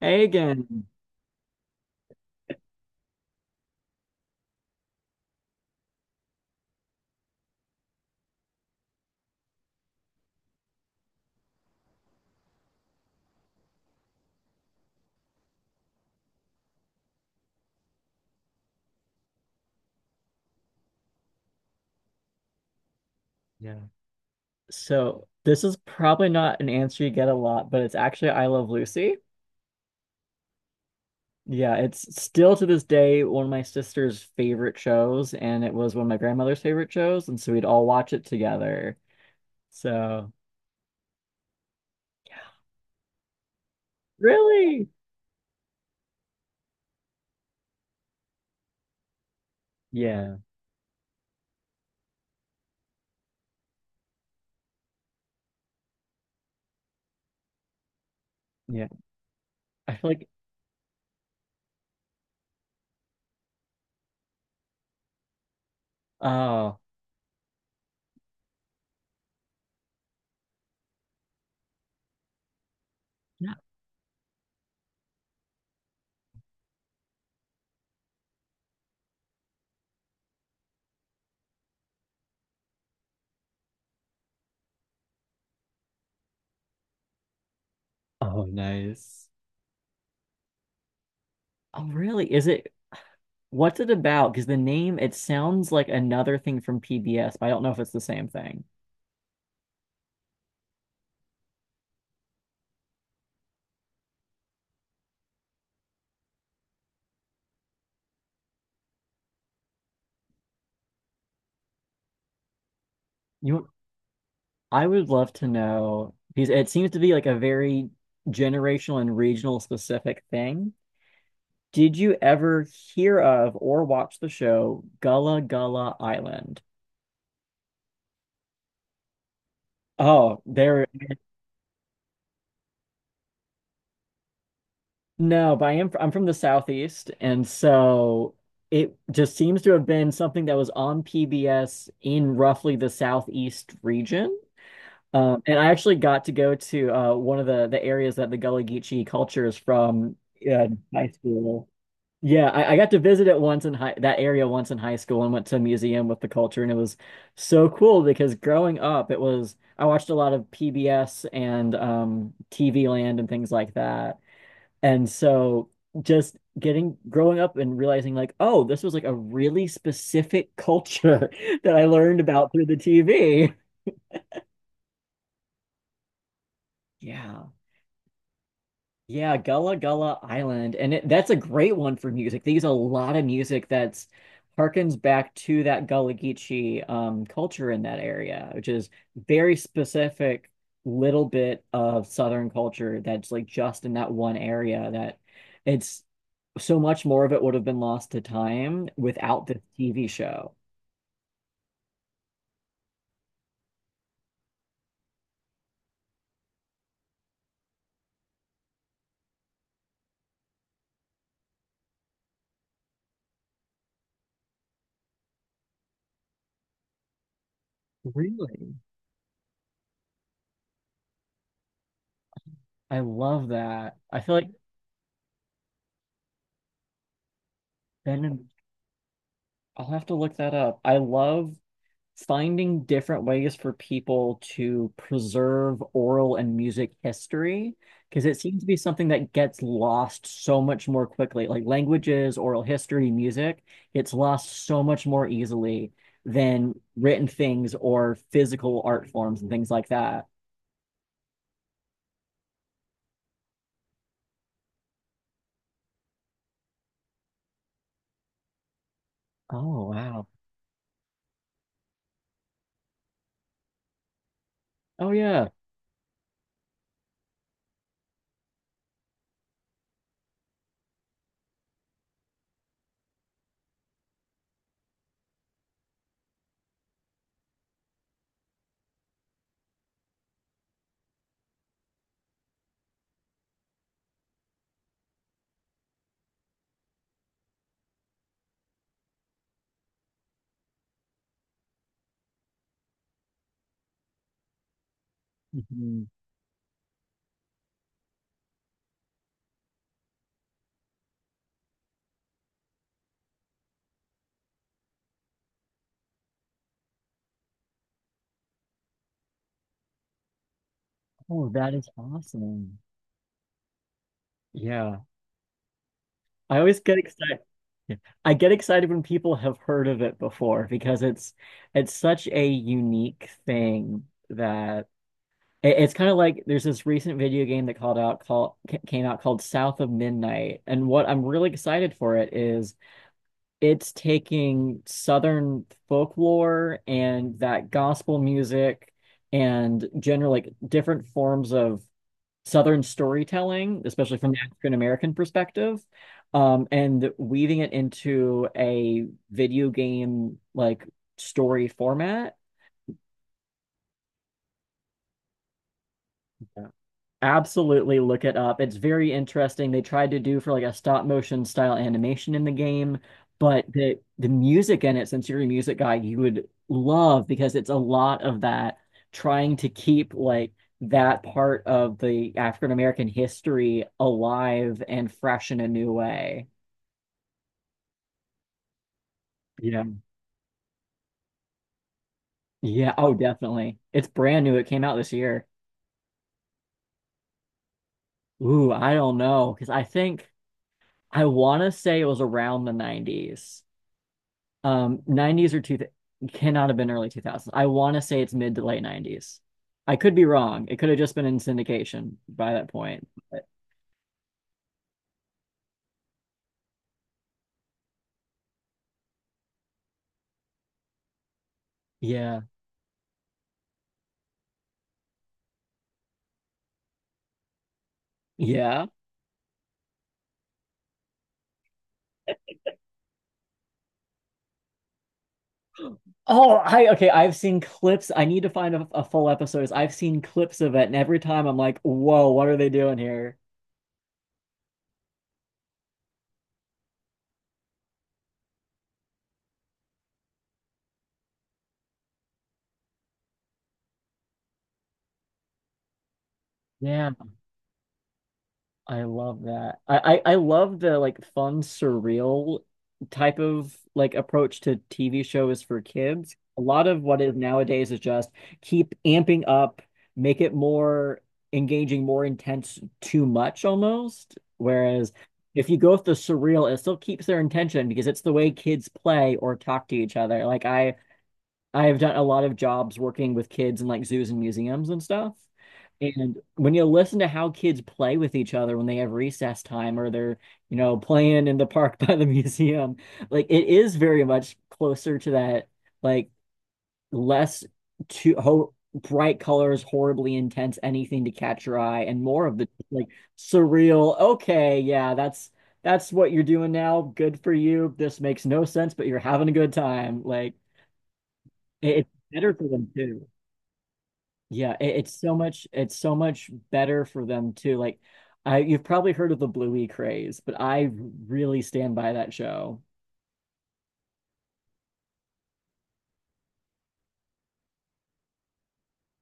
Hey again. Yeah. So this is probably not an answer you get a lot, but it's actually I Love Lucy. Yeah, it's still to this day one of my sister's favorite shows, and it was one of my grandmother's favorite shows, and so we'd all watch it together. So really? Yeah, yeah. I feel like oh, yeah. Oh, nice. Oh, really? Is it what's it about? Because the name it sounds like another thing from PBS, but I don't know if it's the same thing. You. I would love to know because it seems to be like a very generational and regional specific thing. Did you ever hear of or watch the show Gullah Gullah Island? Oh, there. No, but I am. I'm from the Southeast, and so it just seems to have been something that was on PBS in roughly the Southeast region. And I actually got to go to one of the areas that the Gullah Geechee culture is from uh, high school. Yeah, I got to visit it once in high that area once in high school and went to a museum with the culture, and it was so cool because growing up it was I watched a lot of PBS and TV Land and things like that. And so just getting growing up and realizing like, oh, this was like a really specific culture that I learned about through the TV. Yeah. Yeah, Gullah Gullah Island. And it, that's a great one for music. They use a lot of music that's harkens back to that Gullah Geechee culture in that area, which is very specific little bit of Southern culture that's like just in that one area that it's so much more of it would have been lost to time without the TV show. Really? I love that. I feel like Ben and I'll have to look that up. I love finding different ways for people to preserve oral and music history because it seems to be something that gets lost so much more quickly. Like languages, oral history, music gets lost so much more easily than written things or physical art forms and things like that. Oh, wow. Oh, yeah. Mhm. Oh, that is awesome. Yeah. I always get excited. Yeah. I get excited when people have heard of it before because it's such a unique thing that it- it's kind of like there's this recent video game that called out called ca- came out called South of Midnight, and what I'm really excited for it is it's taking Southern folklore and that gospel music and general like different forms of Southern storytelling, especially from the African American perspective, and weaving it into a video game like story format. Yeah. Absolutely look it up. It's very interesting. They tried to do for like a stop motion style animation in the game, but the music in it, since you're a music guy, you would love because it's a lot of that trying to keep like that part of the African American history alive and fresh in a new way. Yeah. Yeah. Oh, definitely. It's brand new. It came out this year. Ooh, I don't know. Because I think I want to say it was around the 90s. 90s or two cannot have been early 2000s. I want to say it's mid to late 90s. I could be wrong. It could have just been in syndication by that point. But yeah. Yeah. Oh, I okay. I've seen clips. I need to find a full episode. I've seen clips of it, and every time I'm like, whoa, what are they doing here? Yeah. I love that. I love the like fun, surreal type of like approach to TV shows for kids. A lot of what is nowadays is just keep amping up, make it more engaging, more intense, too much almost. Whereas if you go with the surreal, it still keeps their intention because it's the way kids play or talk to each other. I have done a lot of jobs working with kids in like zoos and museums and stuff. And when you listen to how kids play with each other when they have recess time or they're, you know, playing in the park by the museum, like it is very much closer to that, like less too ho bright colors, horribly intense, anything to catch your eye, and more of the like surreal, okay, yeah, that's what you're doing now. Good for you. This makes no sense, but you're having a good time. Like it- It's better for them too. Yeah, it, it's so much better for them too. Like I you've probably heard of the Bluey craze, but I really stand by that show.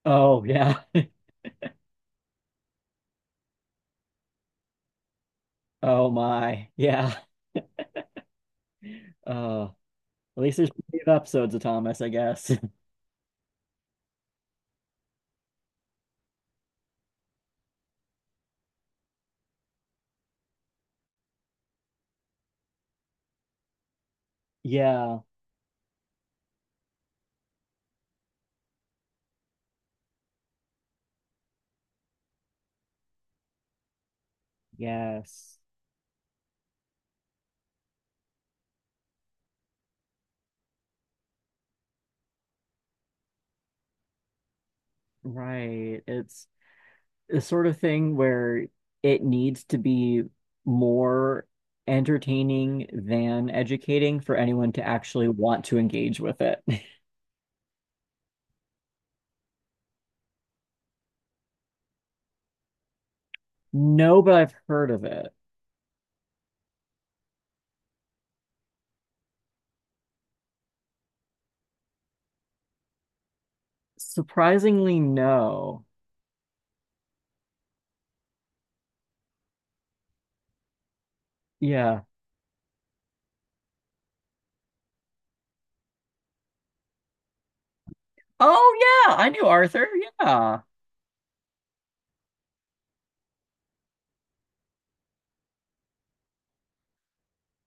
Oh yeah. Oh my. Yeah. Uh at least there's plenty of episodes of Thomas, I guess. Yeah. Yes. Right. It's the sort of thing where it needs to be more entertaining than educating for anyone to actually want to engage with it. No, but I've heard of it. Surprisingly, no. Yeah. Oh, yeah. I knew Arthur. Yeah.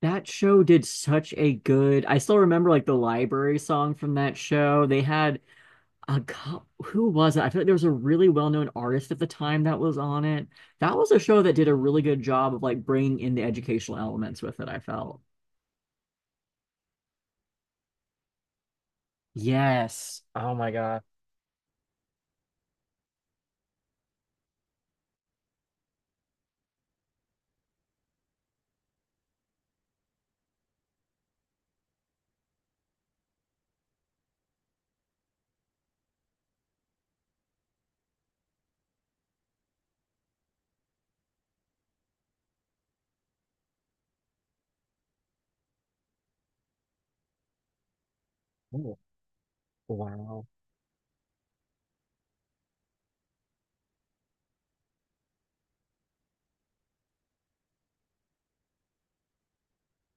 That show did such a good. I still remember like the library song from that show. They had a co- who was it? I feel like there was a really well-known artist at the time that was on it. That was a show that did a really good job of like bringing in the educational elements with it, I felt. Yes. Oh my God. Ooh, wow.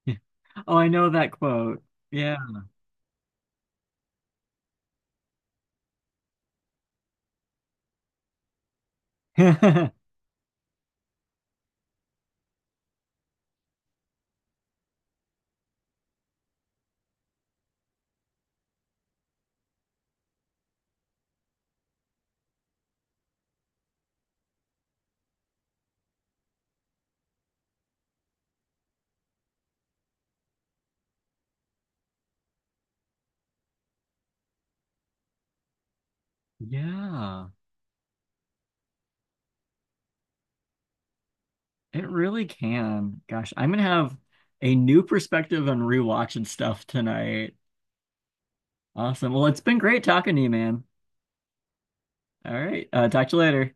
Oh, I know that quote. Yeah. Yeah. It really can. Gosh, I'm gonna have a new perspective on rewatching stuff tonight. Awesome. Well, it's been great talking to you, man. All right. Talk to you later.